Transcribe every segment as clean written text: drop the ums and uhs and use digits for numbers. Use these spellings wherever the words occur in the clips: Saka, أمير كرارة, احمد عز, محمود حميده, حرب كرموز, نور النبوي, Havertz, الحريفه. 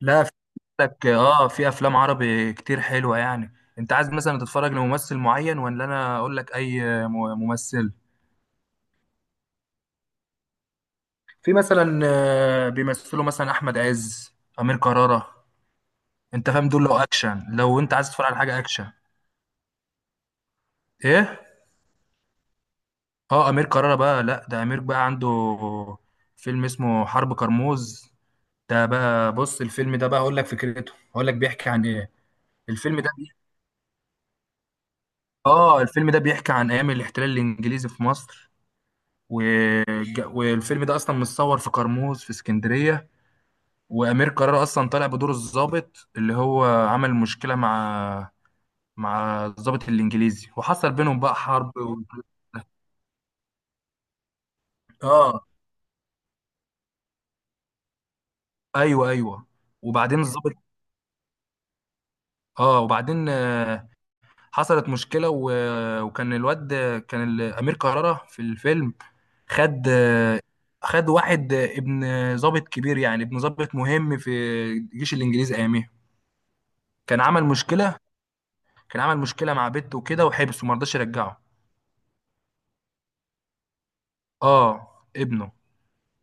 لا، في لك، في افلام عربي كتير حلوه، يعني. انت عايز مثلا تتفرج لممثل معين، ولا انا اقول لك اي م- ممثل؟ في مثلا، بيمثلوا مثلا احمد عز، امير كرارة. انت فاهم دول؟ لو اكشن، لو انت عايز تتفرج على حاجه اكشن. ايه. اه، امير كرارة بقى، لا ده امير بقى عنده فيلم اسمه حرب كرموز. ده بقى، بص، الفيلم ده بقى اقول لك فكرته، اقول لك بيحكي عن ايه. الفيلم ده بي- اه، الفيلم ده بيحكي عن ايام الاحتلال الانجليزي في مصر. والفيلم ده اصلا متصور في قرموز في اسكندريه. وامير قرار اصلا طالع بدور الضابط، اللي هو عمل مشكله مع الضابط الانجليزي، وحصل بينهم بقى حرب. و... اه. ايوه، ايوه. وبعدين الضابط، اه وبعدين، حصلت مشكله. و... وكان الواد، امير كرارة في الفيلم، خد خد واحد، ابن ضابط كبير، يعني ابن ضابط مهم في الجيش الانجليزي اياميها. كان عمل مشكله كان عمل مشكله مع بنته وكده، وحبسه، ما رضاش يرجعه. اه، ابنه.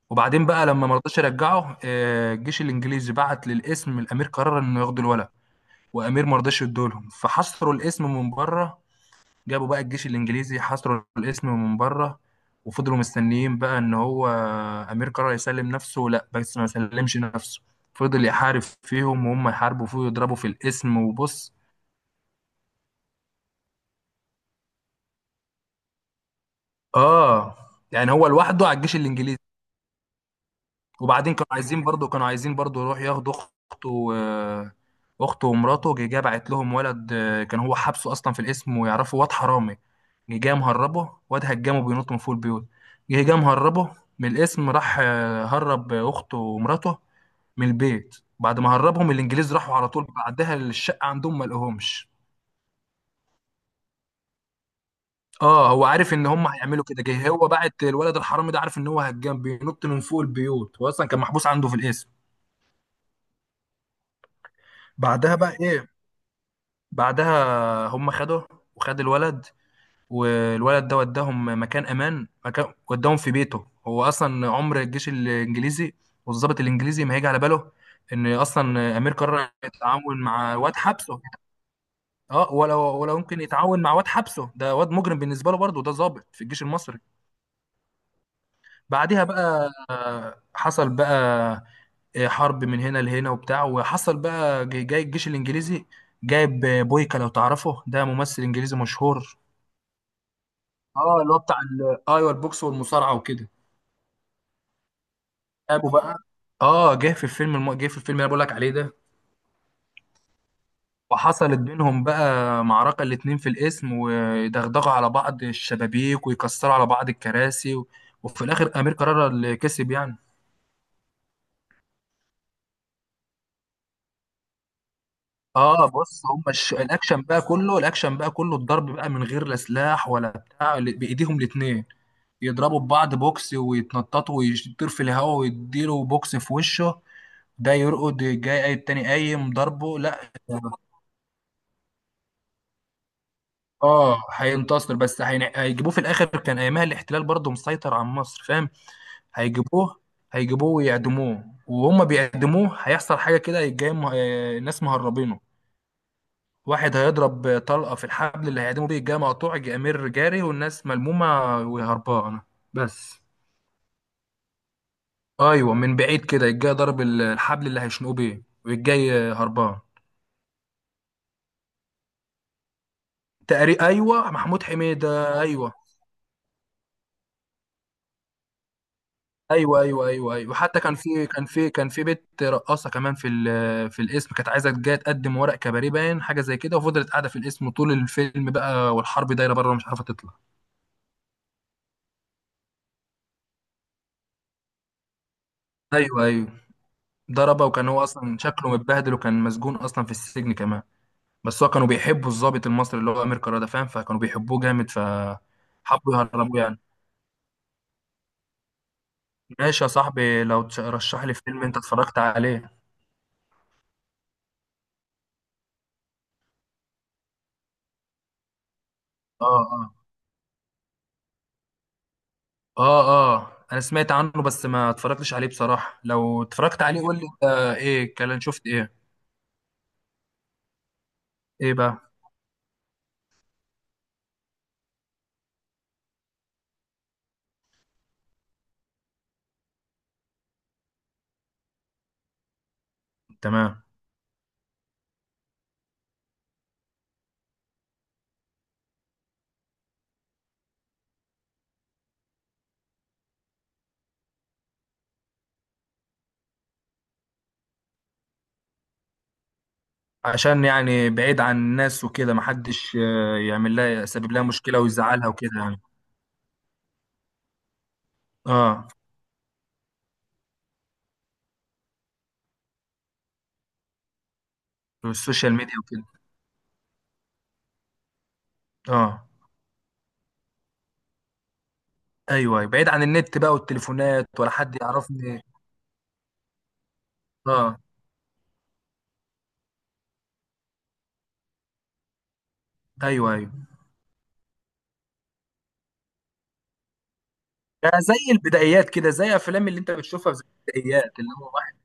وبعدين بقى، لما ما رضاش يرجعه، الجيش الانجليزي بعت للاسم، الامير قرر انه ياخدوا الولد. وامير ما رضاش يدولهم، فحصروا الاسم من بره. جابوا بقى الجيش الانجليزي حصروا الاسم من بره، وفضلوا مستنيين بقى ان هو امير قرر يسلم نفسه، لا، بس ما سلمش نفسه. فضل يحارب فيهم، وهم يحاربوا فيه ويضربوا في الاسم. وبص. اه. يعني هو لوحده على الجيش الانجليزي. وبعدين كانوا عايزين برضو، كانوا عايزين برضو يروح ياخدوا اخته، اخته ومراته. جه بعت لهم ولد، كان هو حابسه اصلا في الاسم ويعرفه، واد حرامي. جه مهربه، واد هجمه بينط من فوق البيوت. جه مهربه من الاسم. راح هرب اخته ومراته من البيت، بعد ما هربهم الانجليز. راحوا على طول بعدها للشقه عندهم، ما لقوهمش. اه، هو عارف ان هم هيعملوا كده. جه هو بعت الولد الحرامي ده، عارف ان هو هجام بينط من فوق البيوت، هو اصلا كان محبوس عنده في الاسم. بعدها بقى ايه؟ بعدها هم خدوه، وخد الولد، والولد ده وداهم مكان امان، مكان وداهم في بيته هو اصلا. عمر الجيش الانجليزي والضابط الانجليزي ما هيجي على باله ان اصلا امير قرر يتعاون مع واد حبسه. اه. ولا ممكن يتعاون مع واد حبسه، ده واد مجرم بالنسبه له، برضه ده ضابط في الجيش المصري. بعديها بقى، حصل بقى، حرب من هنا لهنا وبتاع. وحصل بقى جاي جاي الجيش الانجليزي جايب بويكا، لو تعرفه، ده ممثل انجليزي مشهور. اه، اللي هو بتاع ايوه، البوكس والمصارعه وكده. ابو بقى، اه، جه في الفيلم اللي انا بقول لك عليه ده. وحصلت بينهم بقى معركه، الاتنين في الاسم، ويدغدغوا على بعض الشبابيك، ويكسروا على بعض الكراسي. و... وفي الاخر امير قرر اللي كسب، يعني. اه، بص، الاكشن بقى كله الضرب بقى، من غير لا سلاح ولا بتاع، بايديهم الاتنين. يضربوا ببعض بوكس ويتنططوا، ويطير في الهواء ويديله بوكس في وشه، ده يرقد، جاي قايم، التاني قايم، ضربه، لا. اه، هينتصر، بس هيجيبوه في الاخر، كان ايامها الاحتلال برضه مسيطر على مصر، فاهم. هيجيبوه هيجيبوه ويعدموه، وهم بيعدموه هيحصل حاجه كده، الناس مهربينه. واحد هيضرب طلقه في الحبل اللي هيعدموا بيه، جاي مقطوع، جاي امير جاري، والناس ملمومه وهربانه، بس. ايوه، من بعيد كده الجاي ضرب الحبل اللي هيشنقوه بيه، والجاي هربان. تقريبا، ايوه، محمود حميده، ايوه. ايوه، ايوه، ايوه، ايوه. وحتى كان في بنت رقاصه كمان في في الاسم، كانت عايزه، جايه تقدم ورق كباريه، باين حاجه زي كده، وفضلت قاعده في الاسم طول الفيلم بقى، والحرب دايره بره، ومش عارفه تطلع. ايوه، ايوه. ضربه. وكان هو اصلا شكله متبهدل، وكان مسجون اصلا في السجن كمان. بس هو كانوا بيحبوا الضابط المصري اللي هو امير كرارة ده، فاهم، فكانوا بيحبوه جامد، فحبوا يهربوه يعني. ماشي يا صاحبي، لو ترشح لي فيلم انت اتفرجت عليه. اه. اه. اه. اه، انا سمعت عنه، بس ما اتفرجتش عليه بصراحة. لو اتفرجت عليه قول لي انت، ايه كان، شفت ايه؟ ايه بقى؟ تمام. عشان يعني بعيد عن الناس وكده، محدش يعمل لها يسبب لها مشكلة ويزعلها وكده، يعني. اه، في السوشيال ميديا وكده. اه، ايوه، أيوة. بعيد عن النت بقى، والتليفونات، ولا حد يعرفني. اه. ايوه، ايوه. يعني زي البدايات كده، زي افلام اللي انت بتشوفها في، زي البدايات، اللي هو واحد.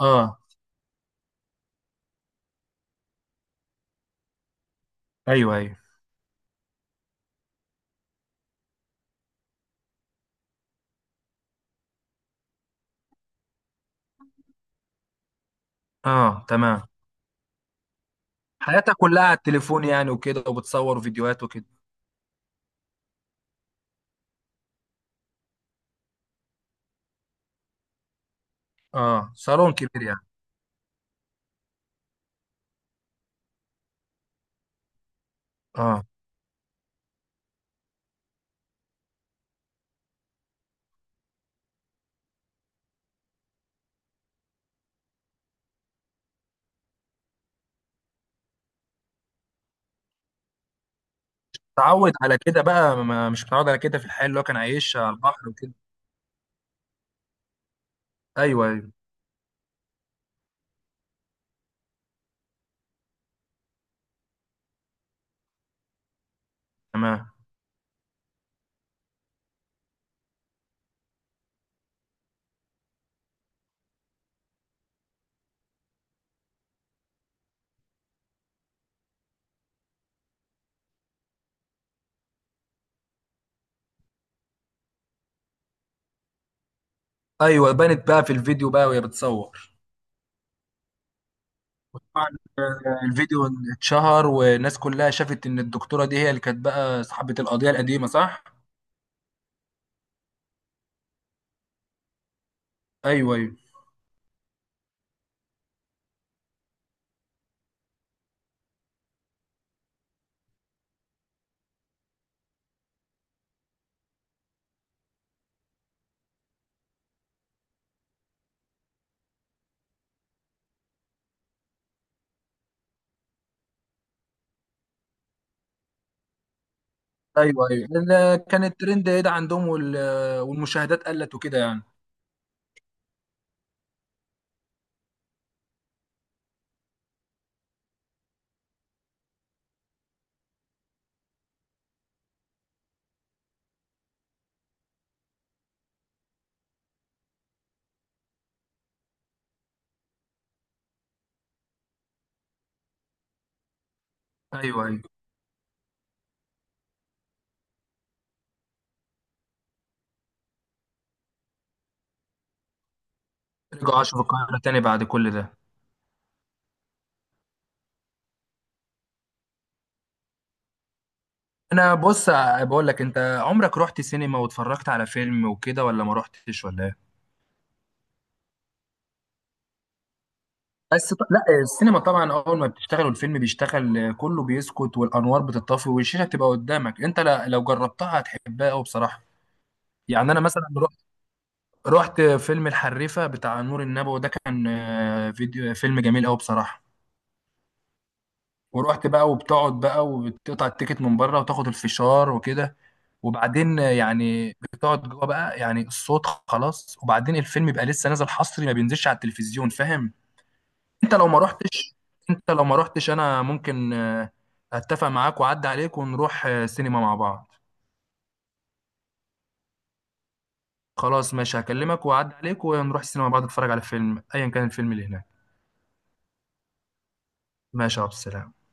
اه. ايوه، ايوه. اه، تمام. حياتها كلها على التليفون يعني، وكده، وبتصور فيديوهات وكده. اه، صالون كبير يعني. اه. تعود على كده بقى، ما مش متعود على كده، في الحياة اللي هو كان عايشها على البحر وكده. ايوه، ايوه. تمام. ايوه، بانت بقى في الفيديو بقى وهي بتصور. طبعاً. الفيديو اتشهر، والناس كلها شافت ان الدكتورة دي هي اللي كانت بقى صاحبة القضية القديمة، صح؟ ايوه، ايوه. ايوه، ايوه، كان الترند ده عندهم، والمشاهدات قلت وكده، يعني. ايوه، ايوه. رجعوا عاشوا في القاهرة تاني بعد كل ده. انا بص، بقول لك، انت عمرك رحت سينما واتفرجت على فيلم وكده، ولا ما رحتش، ولا ايه؟ لا، السينما طبعا اول ما بتشتغل، والفيلم بيشتغل، كله بيسكت، والانوار بتطفي، والشاشه بتبقى قدامك انت. لا... لو جربتها هتحبها قوي، بصراحه. يعني انا مثلا رحت، فيلم الحريفه بتاع نور النبوي ده، كان فيديو، فيلم جميل قوي بصراحه. ورحت بقى، وبتقعد بقى، وبتقطع التيكت من بره، وتاخد الفشار وكده. وبعدين يعني بتقعد جوه بقى، يعني الصوت خلاص، وبعدين الفيلم يبقى لسه نازل حصري، ما بينزلش على التلفزيون، فاهم. انت لو ما رحتش، انا ممكن اتفق معاك واعدي عليك ونروح، سينما مع بعض. خلاص ماشي، هكلمك واعدي عليك ونروح السينما مع بعض، نتفرج على فيلم، ايا كان الفيلم اللي هناك. ماشي يا عبد السلام.